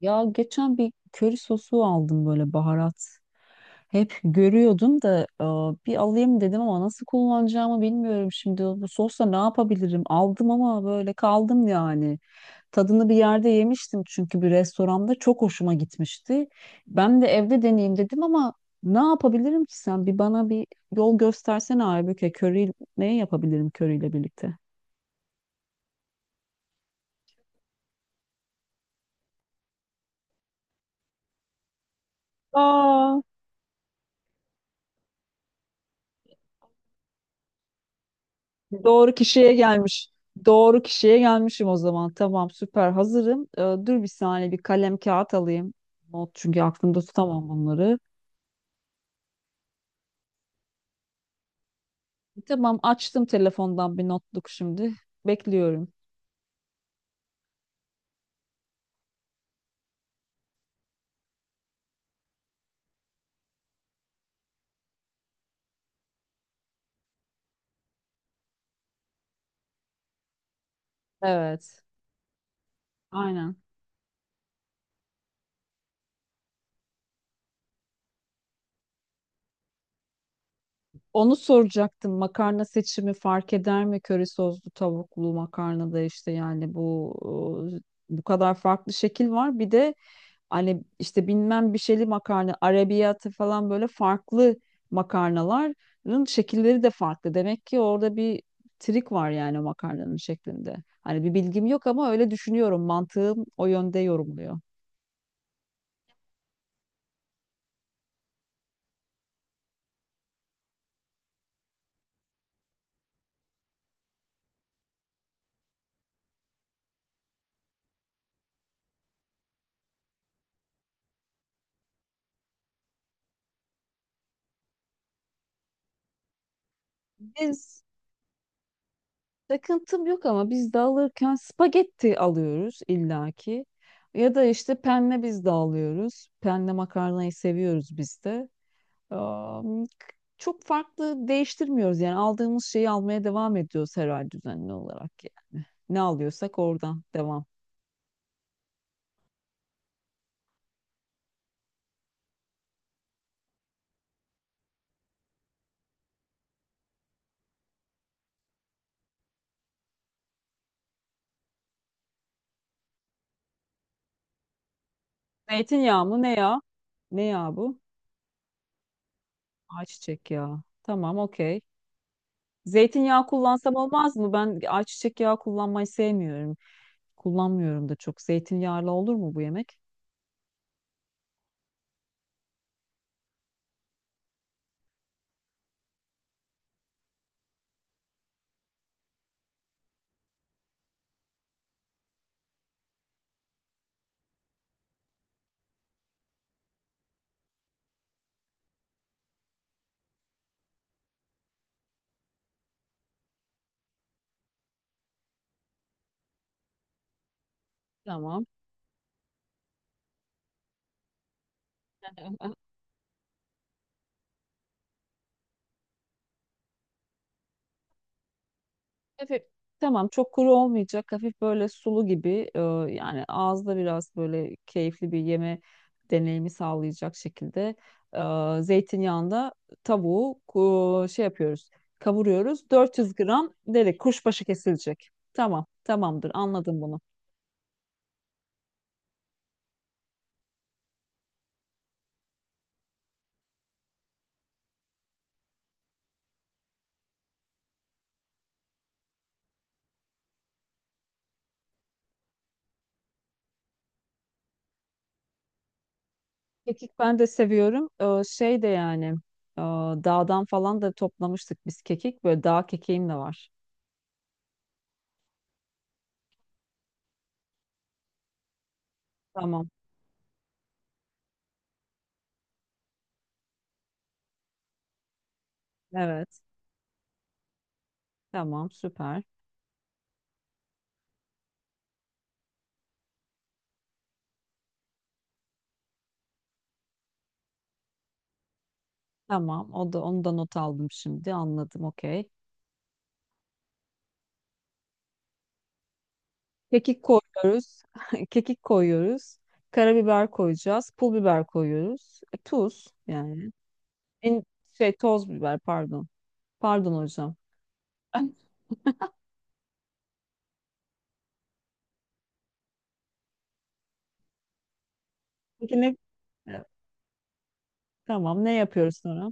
Ya geçen bir köri sosu aldım böyle baharat. Hep görüyordum da bir alayım dedim ama nasıl kullanacağımı bilmiyorum şimdi. Bu sosla ne yapabilirim? Aldım ama böyle kaldım yani. Tadını bir yerde yemiştim çünkü bir restoranda çok hoşuma gitmişti. Ben de evde deneyeyim dedim ama ne yapabilirim ki sen? Bir bana bir yol göstersene Aybüke. Köri ne yapabilirim köriyle birlikte? Aa. Doğru kişiye gelmiş. Doğru kişiye gelmişim o zaman. Tamam, süper. Hazırım. Dur bir saniye, bir kalem kağıt alayım. Not çünkü aklımda tutamam bunları. Tamam, açtım telefondan bir notluk şimdi. Bekliyorum. Evet. Aynen. Onu soracaktım. Makarna seçimi fark eder mi? Köri soslu tavuklu makarnada işte yani bu kadar farklı şekil var. Bir de hani işte bilmem bir şeyli makarna, arabiyatı falan böyle farklı makarnaların şekilleri de farklı. Demek ki orada bir trik var yani makarnanın şeklinde. Hani bir bilgim yok ama öyle düşünüyorum. Mantığım o yönde yorumluyor. Biz Takıntım yok ama biz de alırken spagetti alıyoruz illaki. Ya da işte penne biz de alıyoruz. Penne makarnayı seviyoruz biz de. Am, k- Çok farklı değiştirmiyoruz yani, aldığımız şeyi almaya devam ediyoruz herhalde düzenli olarak yani. Ne alıyorsak oradan devam. Zeytinyağı mı ne ya? Ne ya bu? Ayçiçek yağı. Tamam, okey. Zeytinyağı kullansam olmaz mı? Ben ayçiçek yağı kullanmayı sevmiyorum. Kullanmıyorum da çok. Zeytinyağlı olur mu bu yemek? Tamam. Hafif, tamam, çok kuru olmayacak. Hafif böyle sulu gibi, e, yani ağızda biraz böyle keyifli bir yeme deneyimi sağlayacak şekilde zeytinyağında tavuğu şey yapıyoruz. Kavuruyoruz. 400 gram deri kuşbaşı kesilecek. Tamam, tamamdır. Anladım bunu. Kekik ben de seviyorum. Şey de yani, e, dağdan falan da toplamıştık biz kekik. Böyle dağ kekiğim de var. Tamam. Evet. Tamam, süper. Tamam. O da onu da not aldım şimdi. Anladım. Okey. Kekik koyuyoruz. Kekik koyuyoruz. Karabiber koyacağız. Pul biber koyuyoruz. Tuz yani. En şey toz biber, pardon. Pardon hocam. Peki ne? Tamam. Ne yapıyoruz sonra?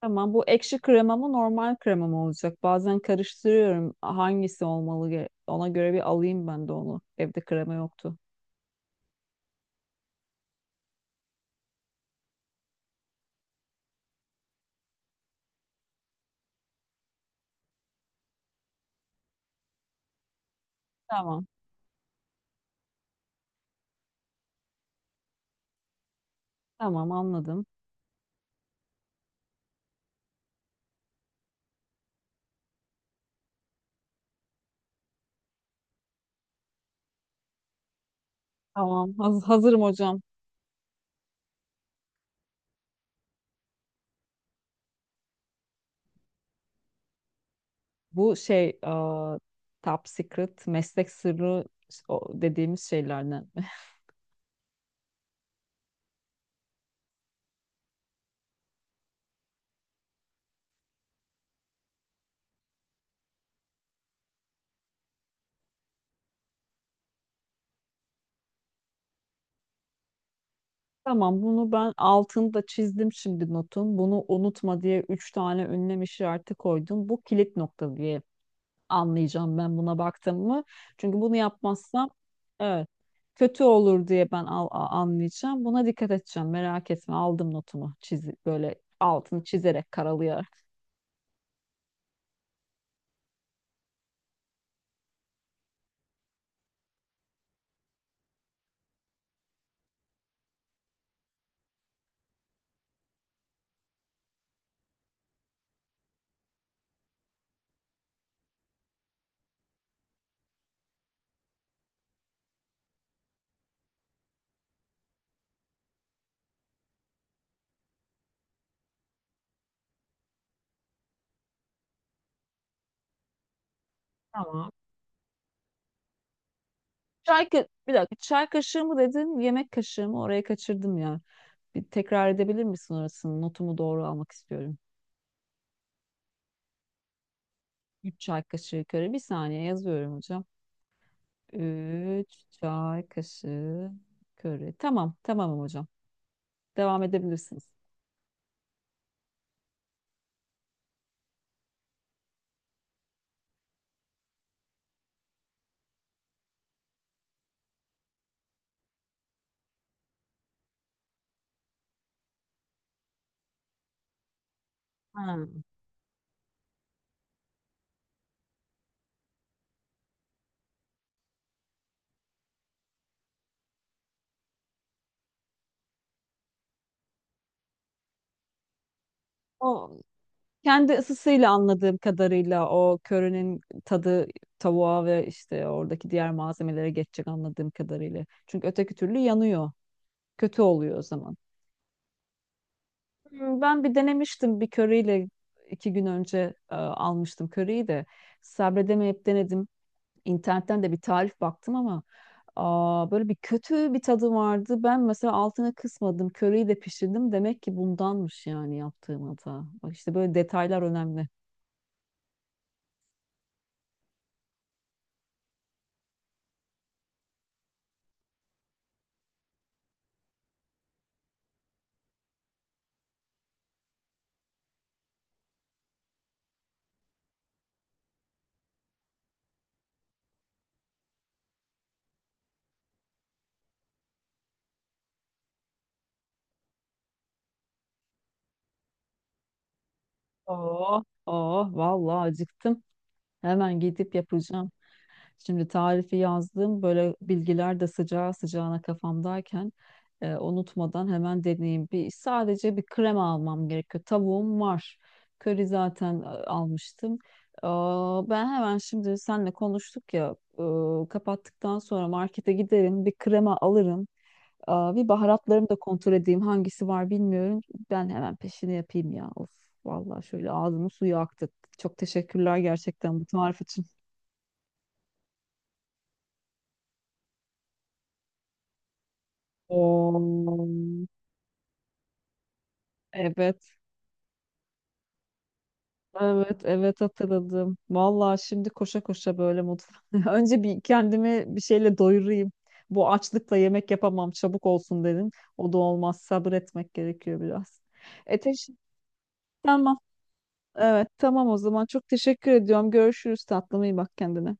Tamam, bu ekşi krema mı normal krema mı olacak? Bazen karıştırıyorum hangisi olmalı, ona göre bir alayım ben de onu. Evde krema yoktu. Tamam, tamam, anladım. Tamam, hazırım hocam. Bu şey, aa, top secret, meslek sırrı o dediğimiz şeylerden. Tamam, bunu ben altını da çizdim şimdi notun. Bunu unutma diye üç tane ünlem işareti koydum. Bu kilit nokta diye anlayacağım ben buna baktım mı. Çünkü bunu yapmazsam, evet, kötü olur diye ben anlayacağım. Buna dikkat edeceğim. Merak etme, aldım notumu, çiz böyle, altını çizerek, karalayarak. Tamam. Bir dakika, çay kaşığı mı dedin yemek kaşığı mı, oraya kaçırdım ya. Bir tekrar edebilir misin orasını, notumu doğru almak istiyorum. 3 çay kaşığı köri. Bir saniye, yazıyorum hocam. 3 çay kaşığı köri. Tamam, tamam hocam. Devam edebilirsiniz. Ha. O kendi ısısıyla, anladığım kadarıyla o körünün tadı tavuğa ve işte oradaki diğer malzemelere geçecek anladığım kadarıyla. Çünkü öteki türlü yanıyor. Kötü oluyor o zaman. Ben bir denemiştim, bir köriyle 2 gün önce almıştım köriyi de, sabredemeyip denedim. İnternetten de bir tarif baktım ama böyle bir kötü bir tadı vardı. Ben mesela altına kısmadım. Köriyi de pişirdim. Demek ki bundanmış yani yaptığım hata. Bak işte böyle detaylar önemli. Oh, oh, vallahi acıktım. Hemen gidip yapacağım. Şimdi tarifi yazdım. Böyle bilgiler de sıcağı sıcağına kafamdayken unutmadan hemen deneyeyim. Sadece bir krema almam gerekiyor. Tavuğum var. Köri zaten almıştım. Aa, ben hemen şimdi senle konuştuk ya, kapattıktan sonra markete giderim. Bir krema alırım. Aa, bir baharatlarımı da kontrol edeyim. Hangisi var bilmiyorum. Ben hemen peşini yapayım ya. Of, vallahi şöyle ağzımın suyu aktı. Çok teşekkürler gerçekten bu tarif için. Oo, evet, evet, evet, hatırladım. Vallahi şimdi koşa koşa böyle mutfağa. Önce bir kendimi bir şeyle doyurayım. Bu açlıkla yemek yapamam, çabuk olsun dedim. O da olmaz. Sabretmek gerekiyor biraz. E, teş- tamam. Evet, tamam o zaman. Çok teşekkür ediyorum. Görüşürüz tatlım. İyi bak kendine.